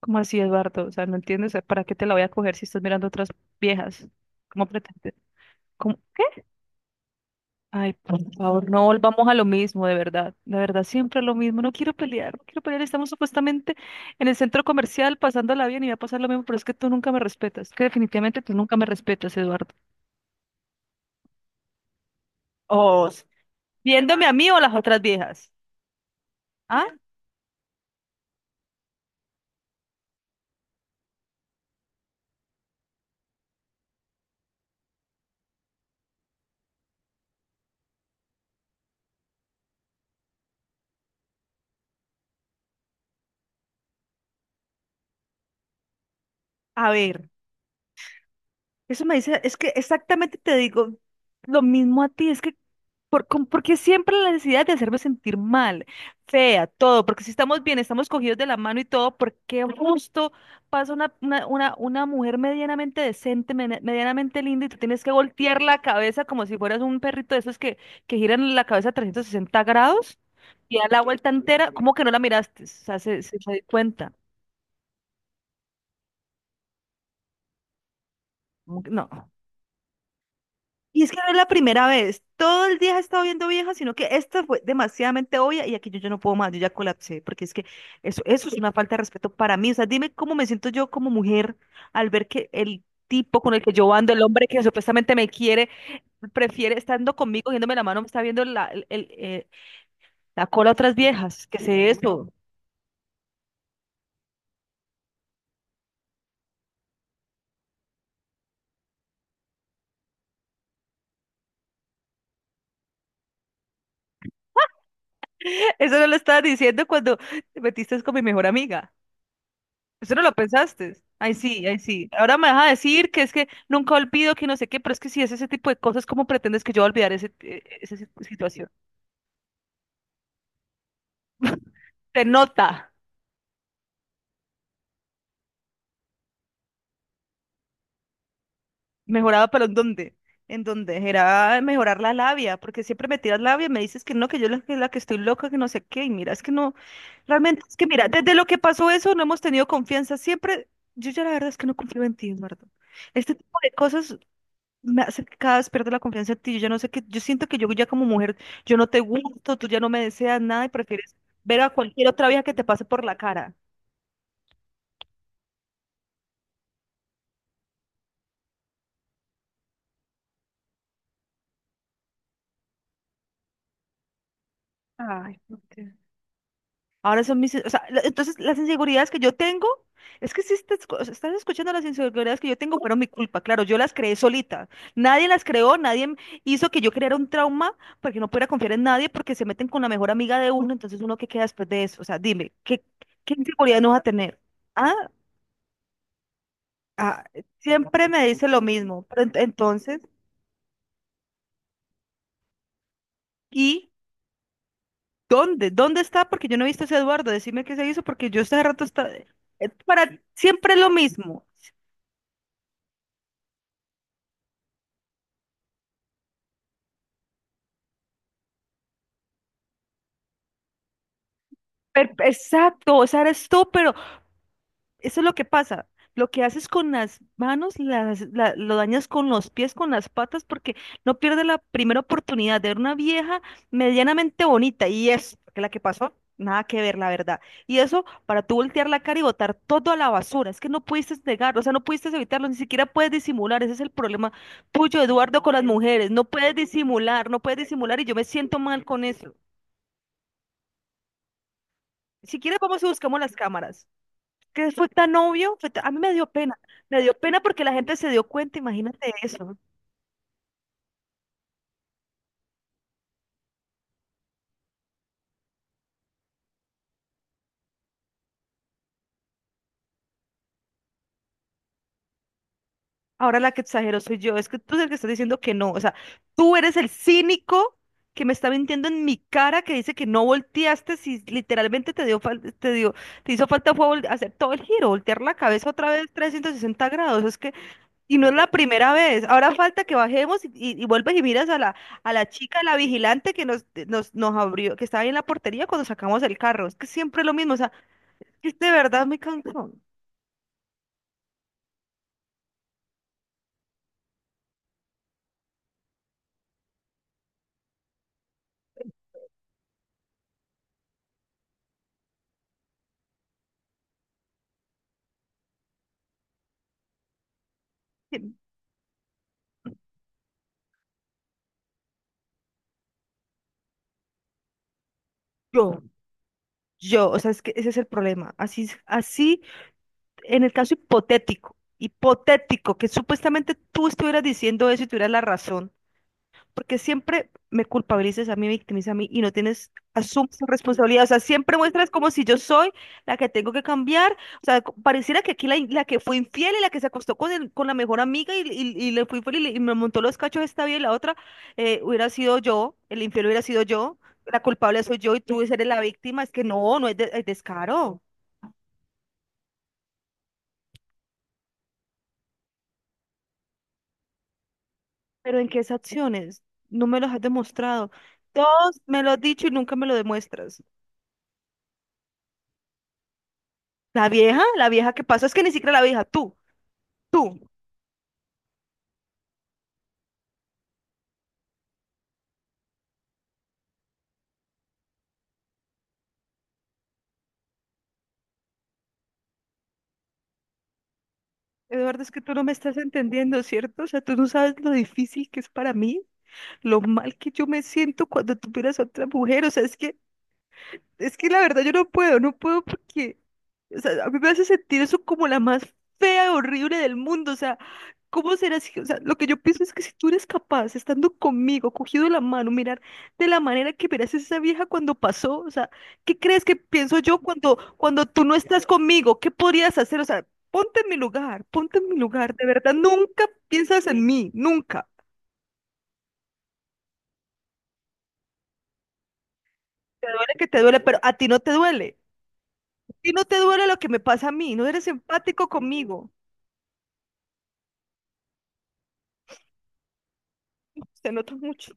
¿Cómo así, Eduardo? O sea, ¿no entiendes? ¿Para qué te la voy a coger si estás mirando otras viejas? ¿Cómo pretendes? ¿Cómo? ¿Qué? Ay, por favor, no volvamos a lo mismo, de verdad. De verdad, siempre lo mismo. No quiero pelear, no quiero pelear. Estamos supuestamente en el centro comercial pasándola bien y va a pasar lo mismo, pero es que tú nunca me respetas. Es que definitivamente tú nunca me respetas, Eduardo. O viéndome a mí o a las otras viejas. ¿Ah? A ver, eso me dice, es que exactamente te digo lo mismo a ti, es que porque siempre la necesidad de hacerme sentir mal, fea, todo, porque si estamos bien, estamos cogidos de la mano y todo, ¿por qué justo pasa una mujer medianamente decente, medianamente linda y tú tienes que voltear la cabeza como si fueras un perrito de esos que giran la cabeza 360 grados y da la vuelta entera? ¿Cómo que no la miraste? O sea, se di cuenta. ¿Cómo que no? Y es que no es la primera vez. Todo el día he estado viendo viejas, sino que esta fue demasiadamente obvia y aquí yo no puedo más, yo ya colapsé, porque es que eso es una falta de respeto para mí. O sea, dime cómo me siento yo como mujer al ver que el tipo con el que yo ando, el hombre que supuestamente me quiere, prefiere estando conmigo, cogiéndome la mano, me está viendo la cola a otras viejas. ¿Qué es eso? Eso no lo estaba diciendo cuando te metiste con mi mejor amiga. Eso no lo pensaste. Ay, sí, ay, sí. Ahora me vas a decir que es que nunca olvido que no sé qué, pero es que si es ese tipo de cosas, ¿cómo pretendes que yo voy a olvidar esa situación? Se nota. Mejoraba, pero ¿en dónde? En dónde era mejorar la labia, porque siempre me tiras labia y me dices que no, que yo la que estoy loca, que no sé qué, y mira, es que no, realmente es que mira, desde lo que pasó eso no hemos tenido confianza, siempre, yo ya la verdad es que no confío en ti, Eduardo. Este tipo de cosas me hace que cada vez pierdo la confianza en ti. Yo ya no sé qué, yo siento que yo ya como mujer, yo no te gusto, tú ya no me deseas nada y prefieres ver a cualquier otra vieja que te pase por la cara. Ay, ¿por qué? Ahora son mis, o sea, entonces las inseguridades que yo tengo, es que si estás, o sea, estás escuchando las inseguridades que yo tengo, fueron mi culpa, claro, yo las creé solita. Nadie las creó, nadie hizo que yo creara un trauma porque no pudiera confiar en nadie porque se meten con la mejor amiga de uno, entonces uno que queda después de eso, o sea, dime, ¿qué, qué inseguridad no vas a tener? ¿Ah? Ah, siempre me dice lo mismo, pero entonces, ¿y dónde? ¿Dónde está? Porque yo no he visto a ese Eduardo, decime qué se hizo, porque yo este rato está, para siempre lo mismo. Exacto, o sea, eres tú, pero eso es lo que pasa. Lo que haces con las manos, lo dañas con los pies, con las patas, porque no pierdes la primera oportunidad de ver una vieja medianamente bonita. Y es que la que pasó, nada que ver, la verdad. Y eso para tú voltear la cara y botar todo a la basura. Es que no pudiste negarlo, o sea, no pudiste evitarlo, ni siquiera puedes disimular. Ese es el problema tuyo, Eduardo, con las mujeres. No puedes disimular, no puedes disimular y yo me siento mal con eso. Si quieres, vamos y buscamos las cámaras. Que fue tan obvio, a mí me dio pena porque la gente se dio cuenta, imagínate eso. Ahora la que exagero soy yo, es que tú eres el que estás diciendo que no, o sea, tú eres el cínico que me está mintiendo en mi cara que dice que no volteaste si literalmente te dio fal- te dio te hizo falta fue hacer todo el giro, voltear la cabeza otra vez 360 grados, es que y no es la primera vez. Ahora falta que bajemos y, y vuelves y miras a la chica, la vigilante que nos abrió, que estaba ahí en la portería cuando sacamos el carro. Es que siempre es lo mismo, o sea, que de verdad me cansó. Que Yo, yo, o sea, es que ese es el problema. Así, así, en el caso hipotético, hipotético, que supuestamente tú estuvieras diciendo eso y tuvieras la razón. Porque siempre me culpabilizas a mí, me victimizas a mí y no tienes, asumes tu responsabilidad. O sea, siempre muestras como si yo soy la que tengo que cambiar. O sea, pareciera que aquí la que fue infiel y la que se acostó con, con la mejor amiga y le fue infiel y me montó los cachos esta bien y la otra hubiera sido yo, el infiel hubiera sido yo, la culpable soy yo y tú eres la víctima. Es que no, no es, es descaro. Pero ¿en qué esas acciones? No me los has demostrado. Todos me lo has dicho y nunca me lo demuestras. La vieja que pasó, es que ni siquiera la vieja, tú. Tú, Eduardo, es que tú no me estás entendiendo, ¿cierto? O sea, tú no sabes lo difícil que es para mí, lo mal que yo me siento cuando tú miras a otra mujer. O sea, es que es que la verdad yo no puedo, no puedo porque, o sea, a mí me hace sentir eso como la más fea, horrible del mundo, o sea, ¿cómo será si, o sea, lo que yo pienso es que si tú eres capaz, estando conmigo, cogido de la mano, mirar de la manera que miras a esa vieja cuando pasó, o sea, ¿qué crees que pienso yo cuando, cuando tú no estás conmigo? ¿Qué podrías hacer? O sea, ponte en mi lugar, ponte en mi lugar, de verdad, nunca piensas en mí, nunca. Te duele que te duele, pero a ti no te duele. A ti no te duele lo que me pasa a mí, no eres empático conmigo. Se nota mucho.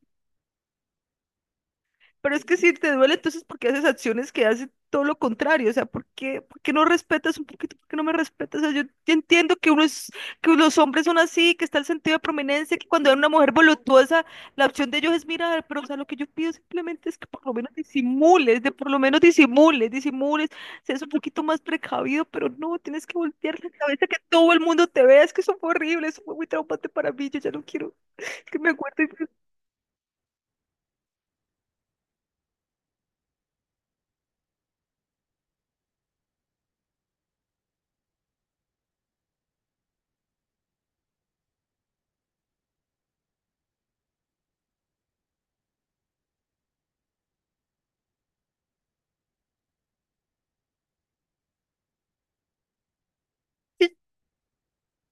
Pero es que si te duele, entonces, ¿por qué haces acciones que hacen todo lo contrario? O sea, por qué no respetas un poquito? ¿Por qué no me respetas? O sea, yo entiendo que uno es, que los hombres son así, que está el sentido de prominencia, que cuando hay una mujer voluptuosa, la opción de ellos es mirar, pero o sea, lo que yo pido simplemente es que por lo menos disimules, de por lo menos disimules, disimules, seas un poquito más precavido, pero no, tienes que voltear la cabeza, que todo el mundo te vea, es que eso fue horrible, eso fue muy traumante para mí, yo ya no quiero, es que me acuerdo y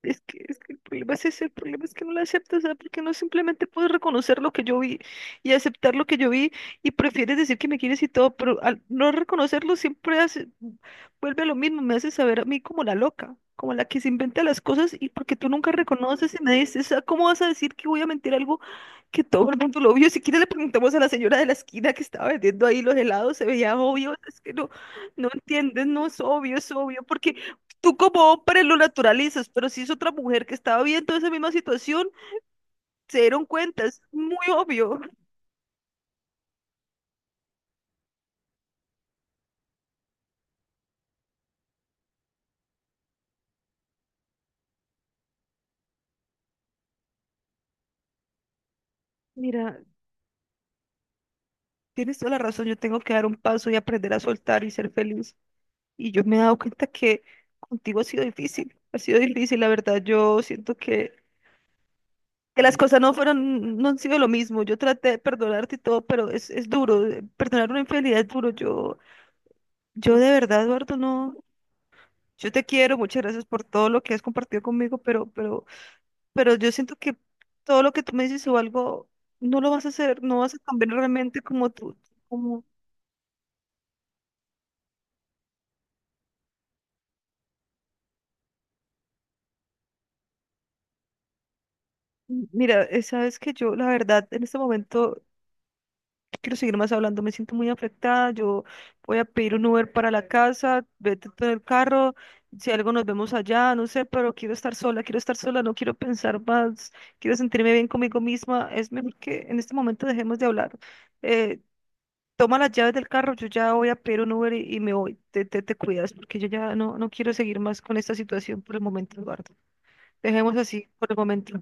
es que el problema es ese, el problema es que no la aceptas, ¿sabes? Porque no simplemente puedes reconocer lo que yo vi y aceptar lo que yo vi y prefieres decir que me quieres y todo, pero al no reconocerlo siempre hace, vuelve a lo mismo, me hace saber a mí como la loca, como la que se inventa las cosas y porque tú nunca reconoces y me dices, "Ah, ¿cómo vas a decir que voy a mentir algo que todo el mundo lo vio? Si quieres le preguntamos a la señora de la esquina que estaba vendiendo ahí los helados, se veía obvio, es que no, no entiendes, no es obvio, es obvio, porque tú como hombre lo naturalizas, pero si es otra mujer que estaba viendo esa misma situación, se dieron cuenta, es muy obvio." Mira, tienes toda la razón, yo tengo que dar un paso y aprender a soltar y ser feliz. Y yo me he dado cuenta que contigo ha sido difícil, la verdad, yo siento que las cosas no fueron, no han sido lo mismo. Yo traté de perdonarte y todo, pero es duro, perdonar una infidelidad es duro. Yo de verdad, Eduardo, no, yo te quiero, muchas gracias por todo lo que has compartido conmigo, pero yo siento que todo lo que tú me dices o algo, no lo vas a hacer, no vas a cambiar realmente como tú, como, mira, sabes que yo, la verdad, en este momento quiero seguir más hablando, me siento muy afectada, yo voy a pedir un Uber para la casa, vete tú en el carro, si algo nos vemos allá, no sé, pero quiero estar sola, no quiero pensar más, quiero sentirme bien conmigo misma, es mejor que en este momento dejemos de hablar. eh, Toma las llaves del carro, yo ya voy a pedir un Uber y me voy. Te cuidas, porque yo ya no quiero seguir más con esta situación por el momento, Eduardo. Dejemos así por el momento.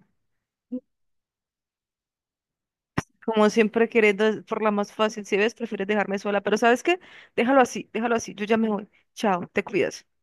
Como siempre, queriendo por la más fácil, si ves, prefieres dejarme sola, pero ¿sabes qué? Déjalo así, yo ya me voy. Chao, te cuidas.